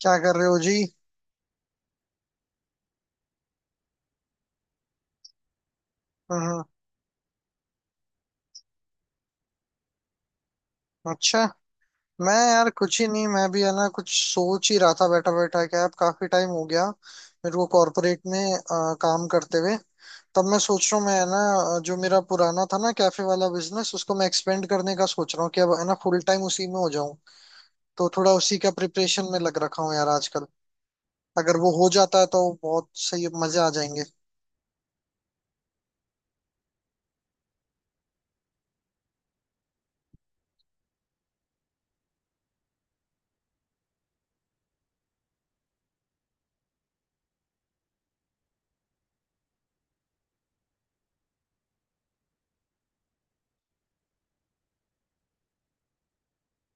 क्या कर रहे हो जी। हम्म। अच्छा। मैं यार कुछ ही नहीं, मैं भी है ना कुछ सोच ही रहा था बैठा बैठा। क्या अब काफी टाइम हो गया मेरे को कॉर्पोरेट में काम करते हुए। तब मैं सोच रहा हूँ मैं है ना, जो मेरा पुराना था ना कैफे वाला बिजनेस, उसको मैं एक्सपेंड करने का सोच रहा हूँ कि अब है ना फुल टाइम उसी में हो जाऊं। तो थोड़ा उसी का प्रिपरेशन में लग रखा हूँ यार आजकल। अगर वो हो जाता है तो बहुत सही, मजे आ जाएंगे।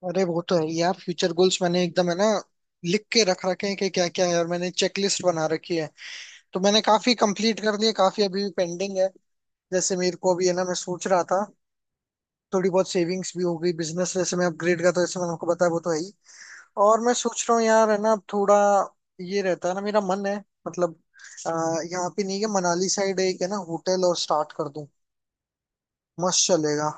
अरे वो तो है ही यार, फ्यूचर गोल्स मैंने एकदम है ना लिख के रख रखे हैं कि क्या क्या है, और मैंने चेकलिस्ट बना रखी है। तो मैंने काफी कंप्लीट कर लिए, काफी अभी भी पेंडिंग है। जैसे मेरे को अभी है ना, मैं सोच रहा था थोड़ी बहुत सेविंग्स भी हो गई, बिजनेस जैसे मैं अपग्रेड का तो जैसे मैंने आपको बताया वो तो है ही। और मैं सोच रहा हूँ यार है ना थोड़ा, ये रहता है ना मेरा मन है। मतलब आ, यहाँ पे नहीं है, मनाली साइड एक है ना होटल और स्टार्ट कर दूं। मस्त चलेगा।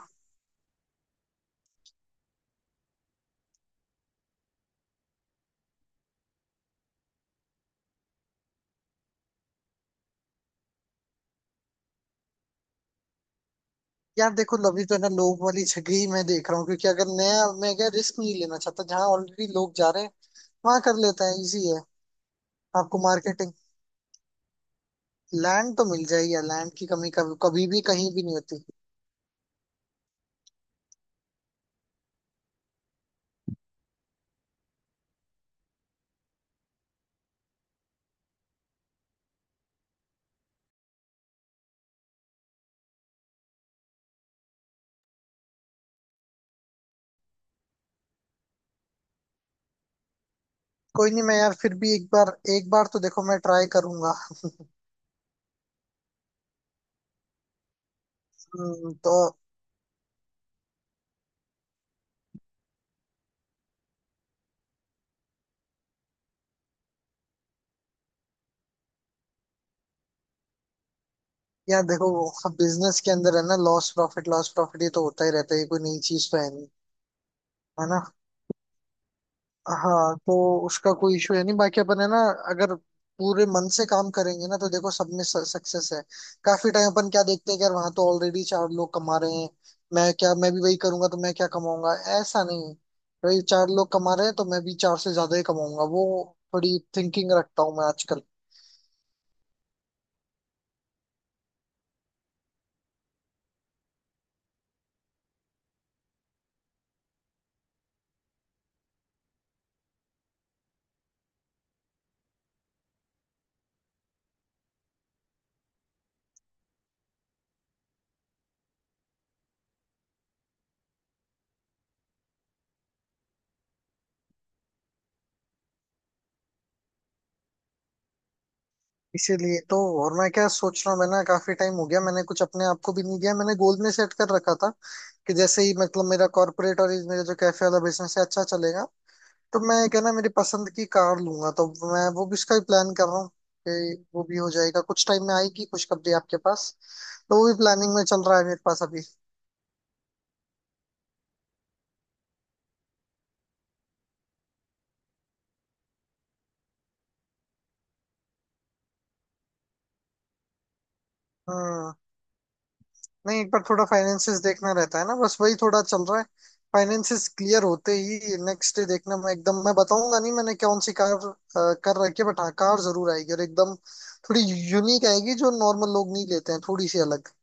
यार देखो अभी तो है ना लोग वाली जगह ही मैं देख रहा हूँ, क्योंकि अगर नया, मैं क्या रिस्क नहीं लेना चाहता। जहाँ ऑलरेडी लोग जा रहे हैं वहां कर लेता है, इजी है। आपको मार्केटिंग, लैंड तो मिल जाएगी यार, लैंड की कमी कभी कभी भी कहीं भी नहीं होती। कोई नहीं, मैं यार फिर भी एक बार, एक बार तो देखो मैं ट्राई करूंगा। तो यार देखो बिजनेस के अंदर है ना, लॉस प्रॉफिट ये तो होता ही रहता है, ये कोई नई चीज तो है नहीं। है ना। हाँ तो उसका कोई इशू है नहीं, बाकी अपन है ना, अगर पूरे मन से काम करेंगे ना, तो देखो सब में सक्सेस है। काफी टाइम अपन क्या देखते हैं कि यार, वहां तो ऑलरेडी चार लोग कमा रहे हैं, मैं क्या, मैं भी वही करूंगा तो मैं क्या कमाऊंगा, ऐसा नहीं है। भाई चार लोग कमा रहे हैं तो मैं भी चार से ज्यादा ही कमाऊंगा। वो थोड़ी थिंकिंग रखता हूँ मैं आजकल। इसीलिए तो, और मैं क्या सोच रहा हूँ, मैं ना काफी टाइम हो गया, मैंने कुछ अपने आप को भी नहीं दिया। मैंने गोल में सेट कर रखा था कि जैसे ही, मतलब मेरा कॉर्पोरेट और ये मेरा जो कैफे वाला बिजनेस है अच्छा चलेगा, तो मैं क्या ना मेरी पसंद की कार लूंगा। तो मैं वो भी उसका ही प्लान कर रहा हूँ कि वो भी हो जाएगा, कुछ टाइम में आएगी खुशखबरी आपके पास। तो वो भी प्लानिंग में चल रहा है मेरे पास अभी। हाँ। नहीं एक बार थोड़ा फाइनेंसिस देखना रहता है ना, बस वही थोड़ा चल रहा है। फाइनेंसिस क्लियर होते ही नेक्स्ट डे देखना, मैं एकदम, मैं बताऊंगा नहीं मैंने कौन सी कार कर रखी है, बट हाँ कार जरूर आएगी। और एकदम थोड़ी यूनिक आएगी, जो नॉर्मल लोग नहीं लेते हैं, थोड़ी सी अलग।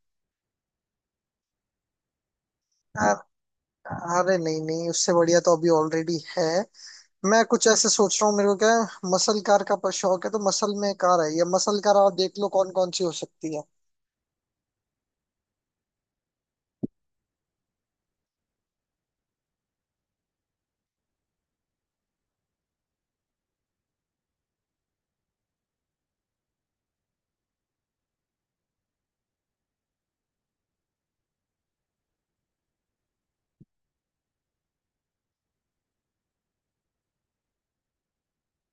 अ- अरे नहीं नहीं, उससे बढ़िया तो अभी ऑलरेडी है। मैं कुछ ऐसे सोच रहा हूँ, मेरे को क्या है मसल कार का पर शौक है, तो मसल में कार है, ये मसल कार आप देख लो कौन कौन सी हो सकती है।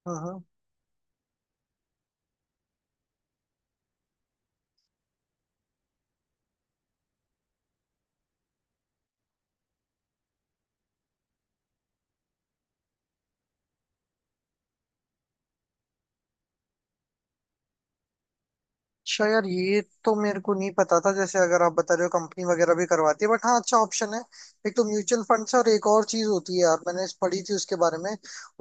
हाँ हाँ। अच्छा यार, ये तो मेरे को नहीं पता था। जैसे अगर आप बता रहे हो कंपनी वगैरह भी करवाती है, बट हाँ अच्छा ऑप्शन है। एक तो म्यूचुअल फंड्स, और एक और चीज होती है यार, मैंने इस पढ़ी थी उसके बारे में।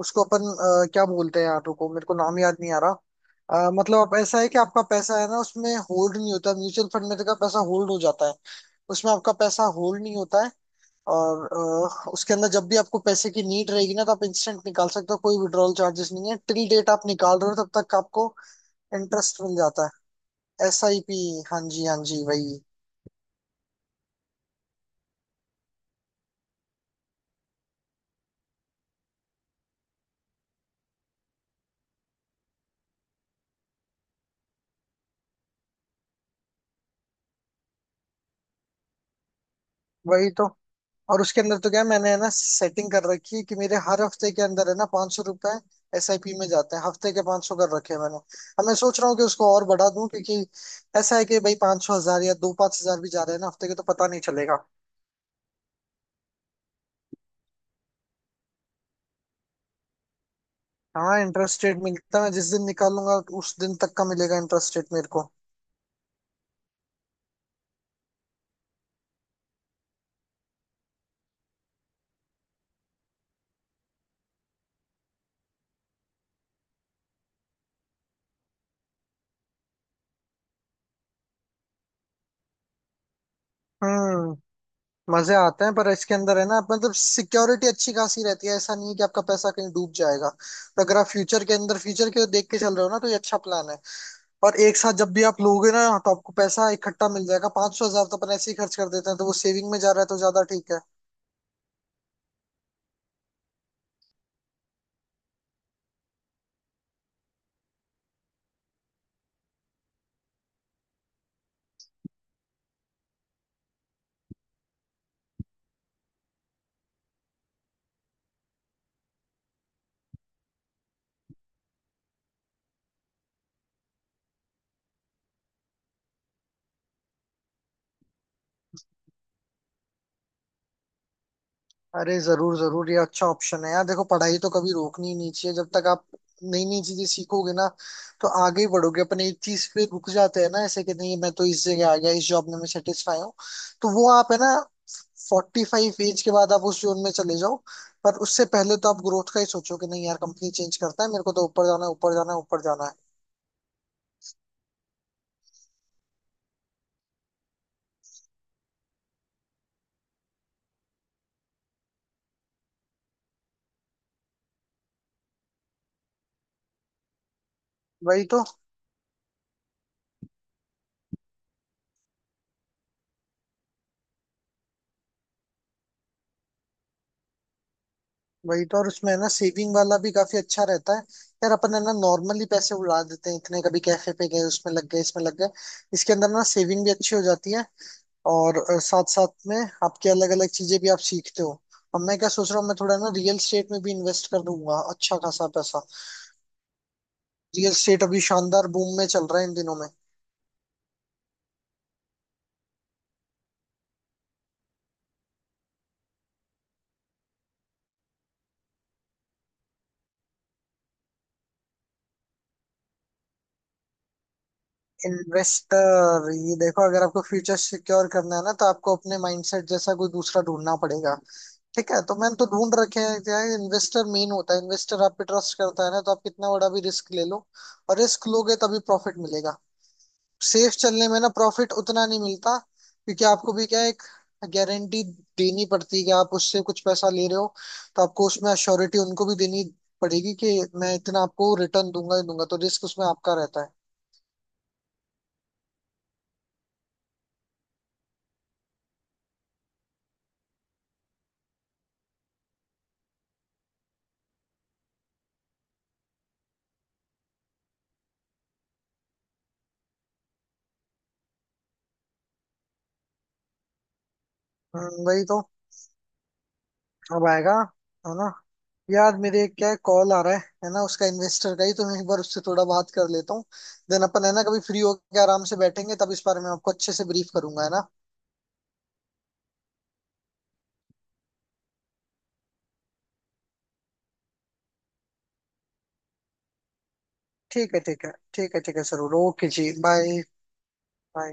उसको अपन क्या बोलते हैं यार, रुको मेरे को नाम याद नहीं आ रहा। मतलब आप ऐसा है कि आपका पैसा है ना, उसमें होल्ड नहीं होता। म्यूचुअल फंड में तो का पैसा होल्ड हो जाता है, उसमें आपका पैसा होल्ड नहीं होता है। और उसके अंदर जब भी आपको पैसे की नीड रहेगी ना, तो आप इंस्टेंट निकाल सकते हो, कोई विड्रॉल चार्जेस नहीं है। टिल डेट आप निकाल रहे हो तब तक आपको इंटरेस्ट मिल जाता है। SIP, हाँ जी हाँ जी, वही। वही तो। और उसके अंदर तो क्या है, मैंने है ना सेटिंग कर रखी है कि मेरे हर हफ्ते के अंदर है ना 500 रुपए SIP में जाते हैं। हफ्ते के 500 कर रखे हैं मैंने। अब मैं सोच रहा हूँ कि उसको और बढ़ा दूं, क्योंकि ऐसा है कि भाई 500 हजार या 2 से 5 हजार भी जा रहे हैं ना हफ्ते के, तो पता नहीं चलेगा। हाँ इंटरेस्ट रेट मिलता है, जिस दिन निकालूंगा उस दिन तक का मिलेगा इंटरेस्ट रेट मेरे को। हम्म। मजे आते हैं, पर इसके अंदर है ना मतलब सिक्योरिटी अच्छी खासी रहती है, ऐसा नहीं है कि आपका पैसा कहीं डूब जाएगा। तो अगर आप फ्यूचर के अंदर, फ्यूचर के देख के चल रहे हो ना, तो ये अच्छा प्लान है। और एक साथ जब भी आप लोगे ना तो आपको पैसा इकट्ठा मिल जाएगा। 500 हजार तो अपन ऐसे ही खर्च कर देते हैं, तो वो सेविंग में जा रहा है तो ज्यादा ठीक है। अरे जरूर जरूर, ये अच्छा ऑप्शन है यार। देखो पढ़ाई तो कभी रोकनी ही नहीं चाहिए, जब तक आप नई नई चीजें सीखोगे ना तो आगे ही बढ़ोगे। अपन एक चीज पे रुक जाते हैं ना ऐसे कि नहीं मैं तो इस जगह आ गया, इस जॉब में मैं सेटिस्फाई हूँ। तो वो आप है ना 45 एज के बाद आप उस जोन में चले जाओ, पर उससे पहले तो आप ग्रोथ का ही सोचो कि नहीं यार कंपनी चेंज करता है, मेरे को तो ऊपर जाना है, ऊपर जाना है, ऊपर जाना है। वही तो। वही तो, और उसमें है ना सेविंग वाला भी काफी अच्छा रहता है। यार अपन है ना नॉर्मली पैसे उड़ा देते हैं इतने, कभी कैफे पे गए उसमें लग गए, इसमें लग गए। इसके अंदर ना सेविंग भी अच्छी हो जाती है, और साथ साथ में आपके अलग अलग चीजें भी आप सीखते हो। अब मैं क्या सोच रहा हूँ, मैं थोड़ा ना रियल स्टेट में भी इन्वेस्ट कर दूंगा अच्छा खासा पैसा। रियल स्टेट अभी शानदार बूम में चल रहा है इन दिनों में। इन्वेस्टर, ये देखो अगर आपको फ्यूचर सिक्योर करना है ना, तो आपको अपने माइंडसेट जैसा कोई दूसरा ढूंढना पड़ेगा। ठीक है, तो मैंने तो ढूंढ रखे हैं। क्या है, इन्वेस्टर मेन होता है, इन्वेस्टर आप पे ट्रस्ट करता है ना, तो आप कितना बड़ा भी रिस्क ले लो। और रिस्क लोगे तभी प्रॉफिट मिलेगा, सेफ चलने में ना प्रॉफिट उतना नहीं मिलता क्योंकि आपको भी क्या है, एक गारंटी देनी पड़ती है कि आप उससे कुछ पैसा ले रहे हो, तो आपको उसमें अश्योरिटी उनको भी देनी पड़ेगी कि मैं इतना आपको रिटर्न दूंगा ही दूंगा, तो रिस्क उसमें आपका रहता है। वही तो। अब आएगा, है ना। यार मेरे एक क्या कॉल आ रहा है ना उसका इन्वेस्टर का ही, तो मैं एक बार उससे थोड़ा बात कर लेता हूँ। देन अपन है ना कभी फ्री होकर आराम से बैठेंगे, तब इस बारे में आपको अच्छे से ब्रीफ करूंगा, है ना। ठीक है ठीक है, ठीक है ठीक है, जरूर, ओके जी, बाय। बाय।